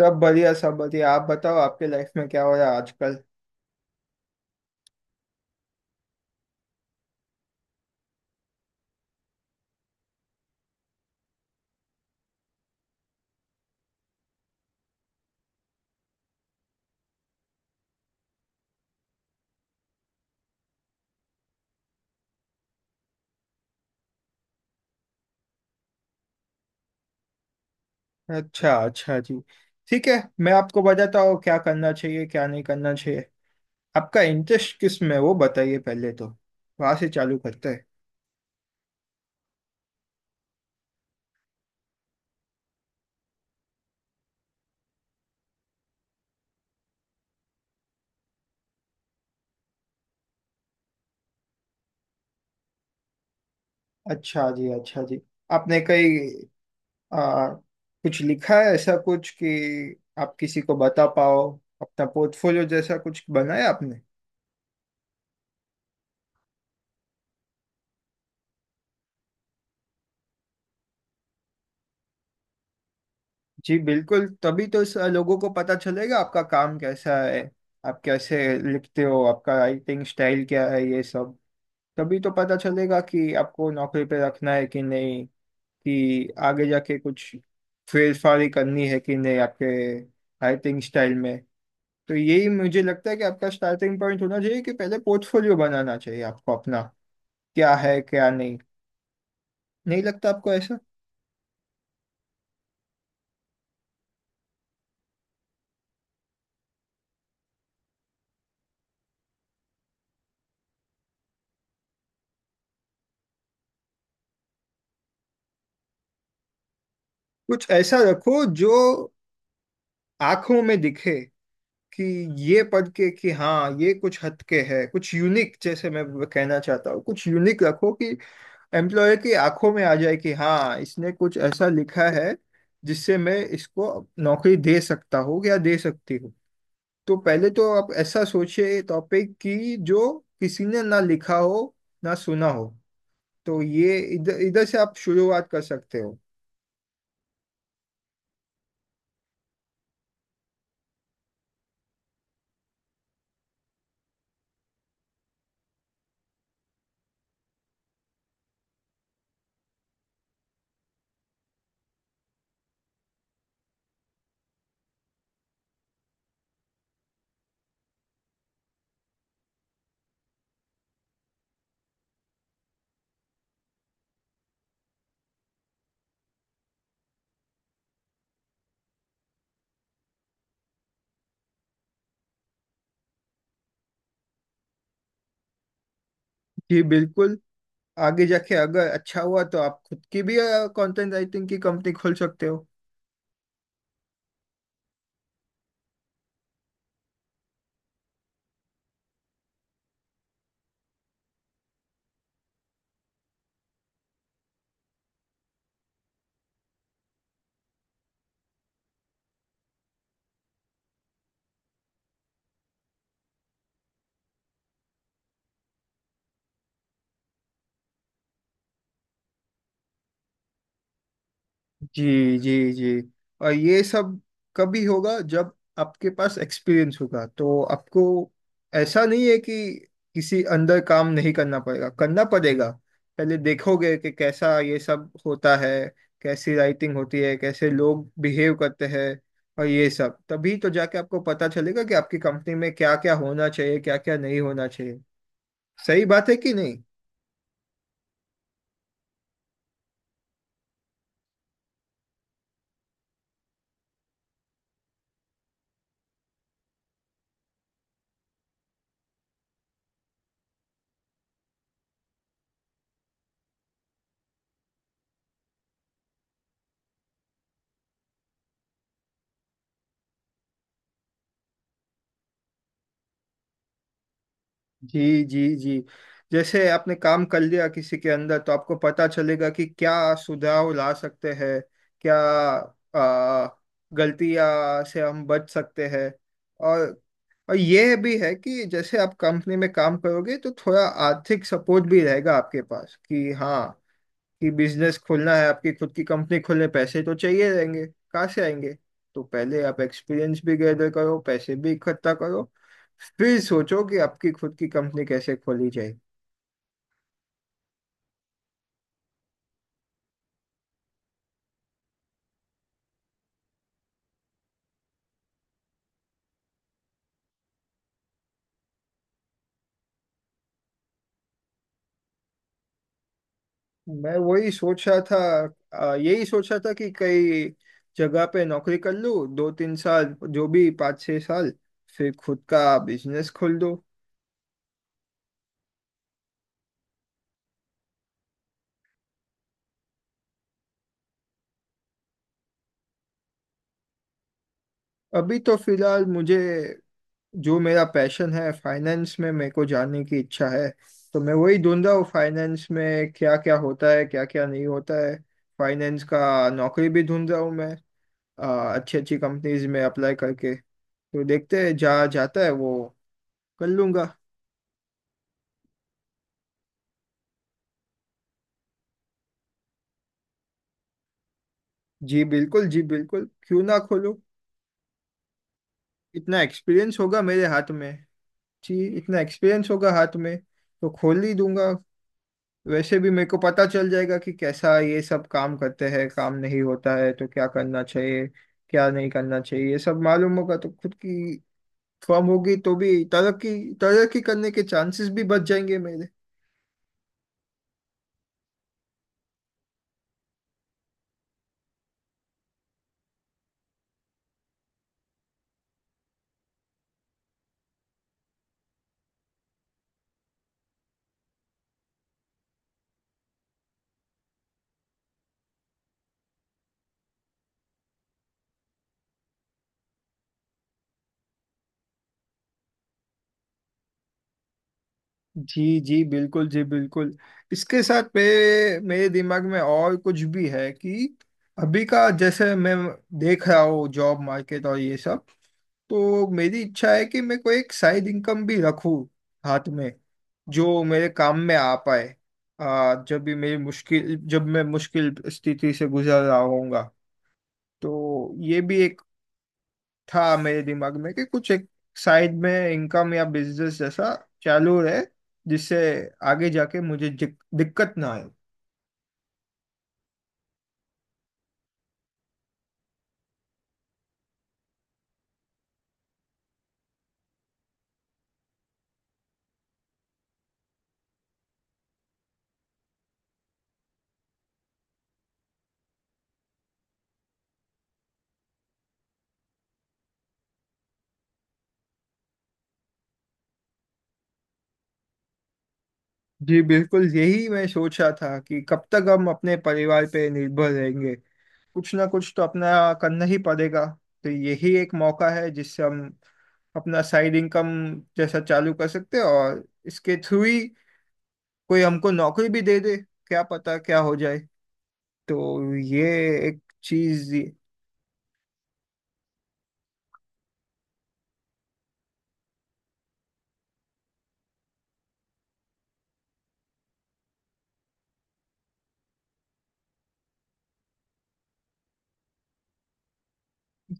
सब बढ़िया सब बढ़िया। आप बताओ आपके लाइफ में क्या हो रहा है आजकल। अच्छा अच्छा जी। ठीक है। मैं आपको बताता हूँ क्या करना चाहिए क्या नहीं करना चाहिए। आपका इंटरेस्ट किस में है, वो बताइए पहले तो। वहां से चालू करते हैं। अच्छा जी अच्छा जी। आपने कहीं आ, कुछ लिखा है ऐसा कुछ कि आप किसी को बता पाओ? अपना पोर्टफोलियो जैसा कुछ बनाया आपने? जी बिल्कुल। तभी तो लोगों को पता चलेगा आपका काम कैसा है, आप कैसे लिखते हो, आपका राइटिंग स्टाइल क्या है, ये सब। तभी तो पता चलेगा कि आपको नौकरी पे रखना है कि नहीं, कि आगे जाके कुछ फेरफारी करनी है कि नहीं आपके राइटिंग स्टाइल में। तो यही मुझे लगता है कि आपका स्टार्टिंग पॉइंट होना चाहिए, कि पहले पोर्टफोलियो बनाना चाहिए आपको अपना। क्या है क्या नहीं, नहीं लगता आपको ऐसा? कुछ ऐसा रखो जो आंखों में दिखे, कि ये पढ़ के कि हाँ, ये कुछ हद के है, कुछ यूनिक। जैसे मैं कहना चाहता हूँ, कुछ यूनिक रखो कि एम्प्लॉयर की आंखों में आ जाए कि हाँ, इसने कुछ ऐसा लिखा है जिससे मैं इसको नौकरी दे सकता हूँ या दे सकती हूँ। तो पहले तो आप ऐसा सोचिए टॉपिक की जो किसी ने ना लिखा हो, ना सुना हो। तो ये इधर इधर से आप शुरुआत कर सकते हो। जी बिल्कुल। आगे जाके अगर अच्छा हुआ तो आप खुद की भी कंटेंट राइटिंग की कंपनी खोल सकते हो। जी जी जी। और ये सब कभी होगा जब आपके पास एक्सपीरियंस होगा, तो आपको ऐसा नहीं है कि किसी अंदर काम नहीं करना पड़ेगा, करना पड़ेगा। पहले देखोगे कि कैसा ये सब होता है, कैसी राइटिंग होती है, कैसे लोग बिहेव करते हैं। और ये सब तभी तो जाके आपको पता चलेगा कि आपकी कंपनी में क्या क्या होना चाहिए क्या क्या नहीं होना चाहिए। सही बात है कि नहीं? जी जी जी। जैसे आपने काम कर लिया किसी के अंदर तो आपको पता चलेगा कि क्या सुधार ला सकते हैं, क्या आ, गलतियां से हम बच सकते हैं। और और ये भी है कि जैसे आप कंपनी में काम करोगे तो थोड़ा आर्थिक सपोर्ट भी रहेगा आपके पास, कि हाँ कि बिजनेस खोलना है। आपकी खुद की कंपनी खोलने पैसे तो चाहिए रहेंगे, कहाँ से आएंगे? तो पहले आप एक्सपीरियंस भी गैदर करो, पैसे भी इकट्ठा करो, फिर सोचो कि आपकी खुद की कंपनी कैसे खोली जाए। मैं वही सोच रहा था। यही सोच रहा था कि कई जगह पे नौकरी कर लूँ, 2-3 साल जो भी, 5-6 साल, फिर खुद का बिजनेस खोल दो। अभी तो फिलहाल मुझे जो मेरा पैशन है, फाइनेंस में मेरे को जानने की इच्छा है। तो मैं वही ढूंढ रहा हूँ, फाइनेंस में क्या क्या होता है क्या क्या नहीं होता है। फाइनेंस का नौकरी भी ढूंढ रहा हूँ मैं, अच्छी अच्छी कंपनीज में अप्लाई करके। तो देखते हैं जहाँ जाता है, वो कर लूंगा। जी बिल्कुल जी बिल्कुल, क्यों ना खोलूँ? इतना एक्सपीरियंस होगा मेरे हाथ में। जी इतना एक्सपीरियंस होगा हाथ में, तो खोल ही दूंगा। वैसे भी मेरे को पता चल जाएगा कि कैसा ये सब काम करते हैं, काम नहीं होता है तो क्या करना चाहिए, क्या नहीं करना चाहिए, ये सब मालूम होगा। तो खुद की फर्म होगी तो भी तरक्की तरक्की करने के चांसेस भी बच जाएंगे मेरे। जी जी बिल्कुल जी बिल्कुल। इसके साथ मेरे मेरे दिमाग में और कुछ भी है कि अभी का जैसे मैं देख रहा हूँ जॉब मार्केट और ये सब। तो मेरी इच्छा है कि मैं कोई एक साइड इनकम भी रखूं हाथ में, जो मेरे काम में आ पाए, जब मैं मुश्किल स्थिति से गुजर रहा होऊंगा। तो ये भी एक था मेरे दिमाग में कि कुछ एक साइड में इनकम या बिजनेस जैसा चालू रहे, जिससे आगे जाके मुझे दिक्कत ना आए। जी बिल्कुल। यही मैं सोच रहा था कि कब तक हम अपने परिवार पे निर्भर रहेंगे, कुछ ना कुछ तो अपना करना ही पड़ेगा। तो यही एक मौका है जिससे हम अपना साइड इनकम जैसा चालू कर सकते हैं, और इसके थ्रू ही कोई हमको नौकरी भी दे दे, क्या पता क्या हो जाए। तो ये एक चीज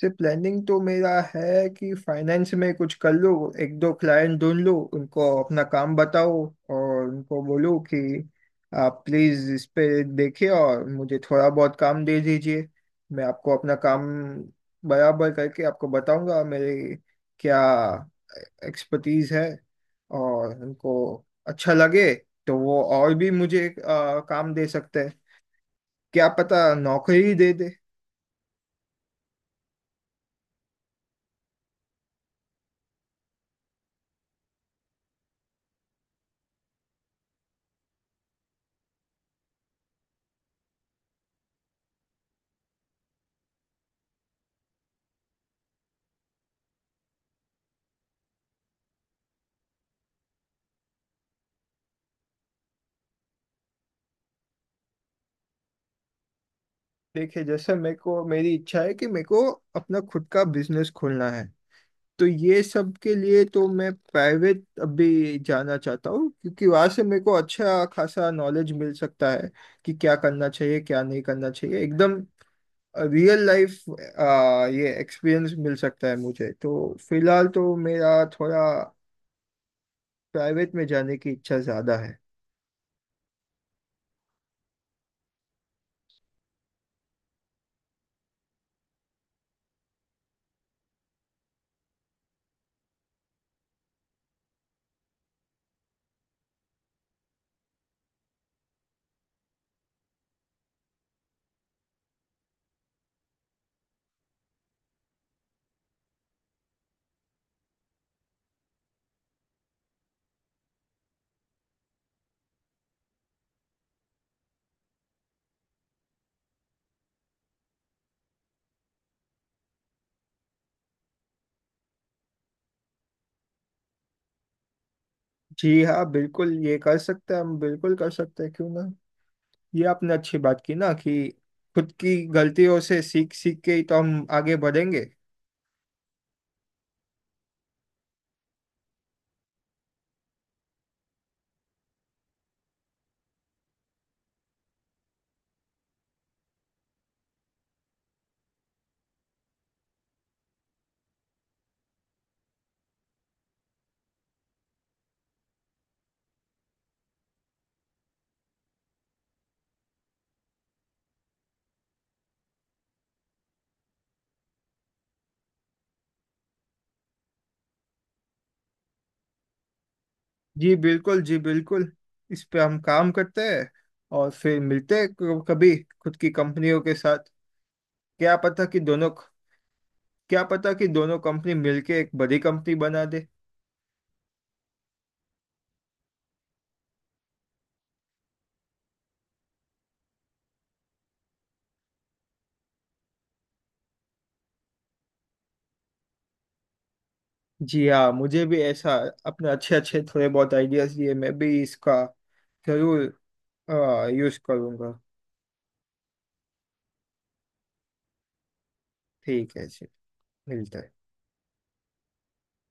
से प्लानिंग तो मेरा है कि फाइनेंस में कुछ कर लो, 1-2 क्लाइंट ढूंढ लो, उनको अपना काम बताओ, और उनको बोलो कि आप प्लीज इस पे देखिए और मुझे थोड़ा बहुत काम दे दीजिए। मैं आपको अपना काम बराबर करके आपको बताऊंगा मेरे क्या एक्सपर्टीज है। और उनको अच्छा लगे तो वो और भी मुझे काम दे सकते हैं। क्या पता नौकरी ही दे दे। देखिए जैसे मेरे को मेरी इच्छा है कि मेरे को अपना खुद का बिजनेस खोलना है, तो ये सब के लिए तो मैं प्राइवेट अभी जाना चाहता हूँ, क्योंकि वहां से मेरे को अच्छा खासा नॉलेज मिल सकता है कि क्या करना चाहिए क्या नहीं करना चाहिए, एकदम रियल लाइफ ये एक्सपीरियंस मिल सकता है मुझे। तो फिलहाल तो मेरा थोड़ा प्राइवेट में जाने की इच्छा ज्यादा है। जी हाँ बिल्कुल, ये कर सकते हैं हम, बिल्कुल कर सकते हैं, क्यों ना। ये आपने अच्छी बात की ना, कि खुद की गलतियों से सीख सीख के ही तो हम आगे बढ़ेंगे। जी बिल्कुल जी बिल्कुल। इस पे हम काम करते हैं और फिर मिलते हैं कभी, खुद की कंपनियों के साथ। क्या पता कि दोनों क्या पता कि दोनों कंपनी मिलके एक बड़ी कंपनी बना दे। जी हाँ, मुझे भी ऐसा अपने अच्छे अच्छे थोड़े बहुत आइडियाज दिए, मैं भी इसका जरूर यूज करूंगा। ठीक है जी। मिलते हैं।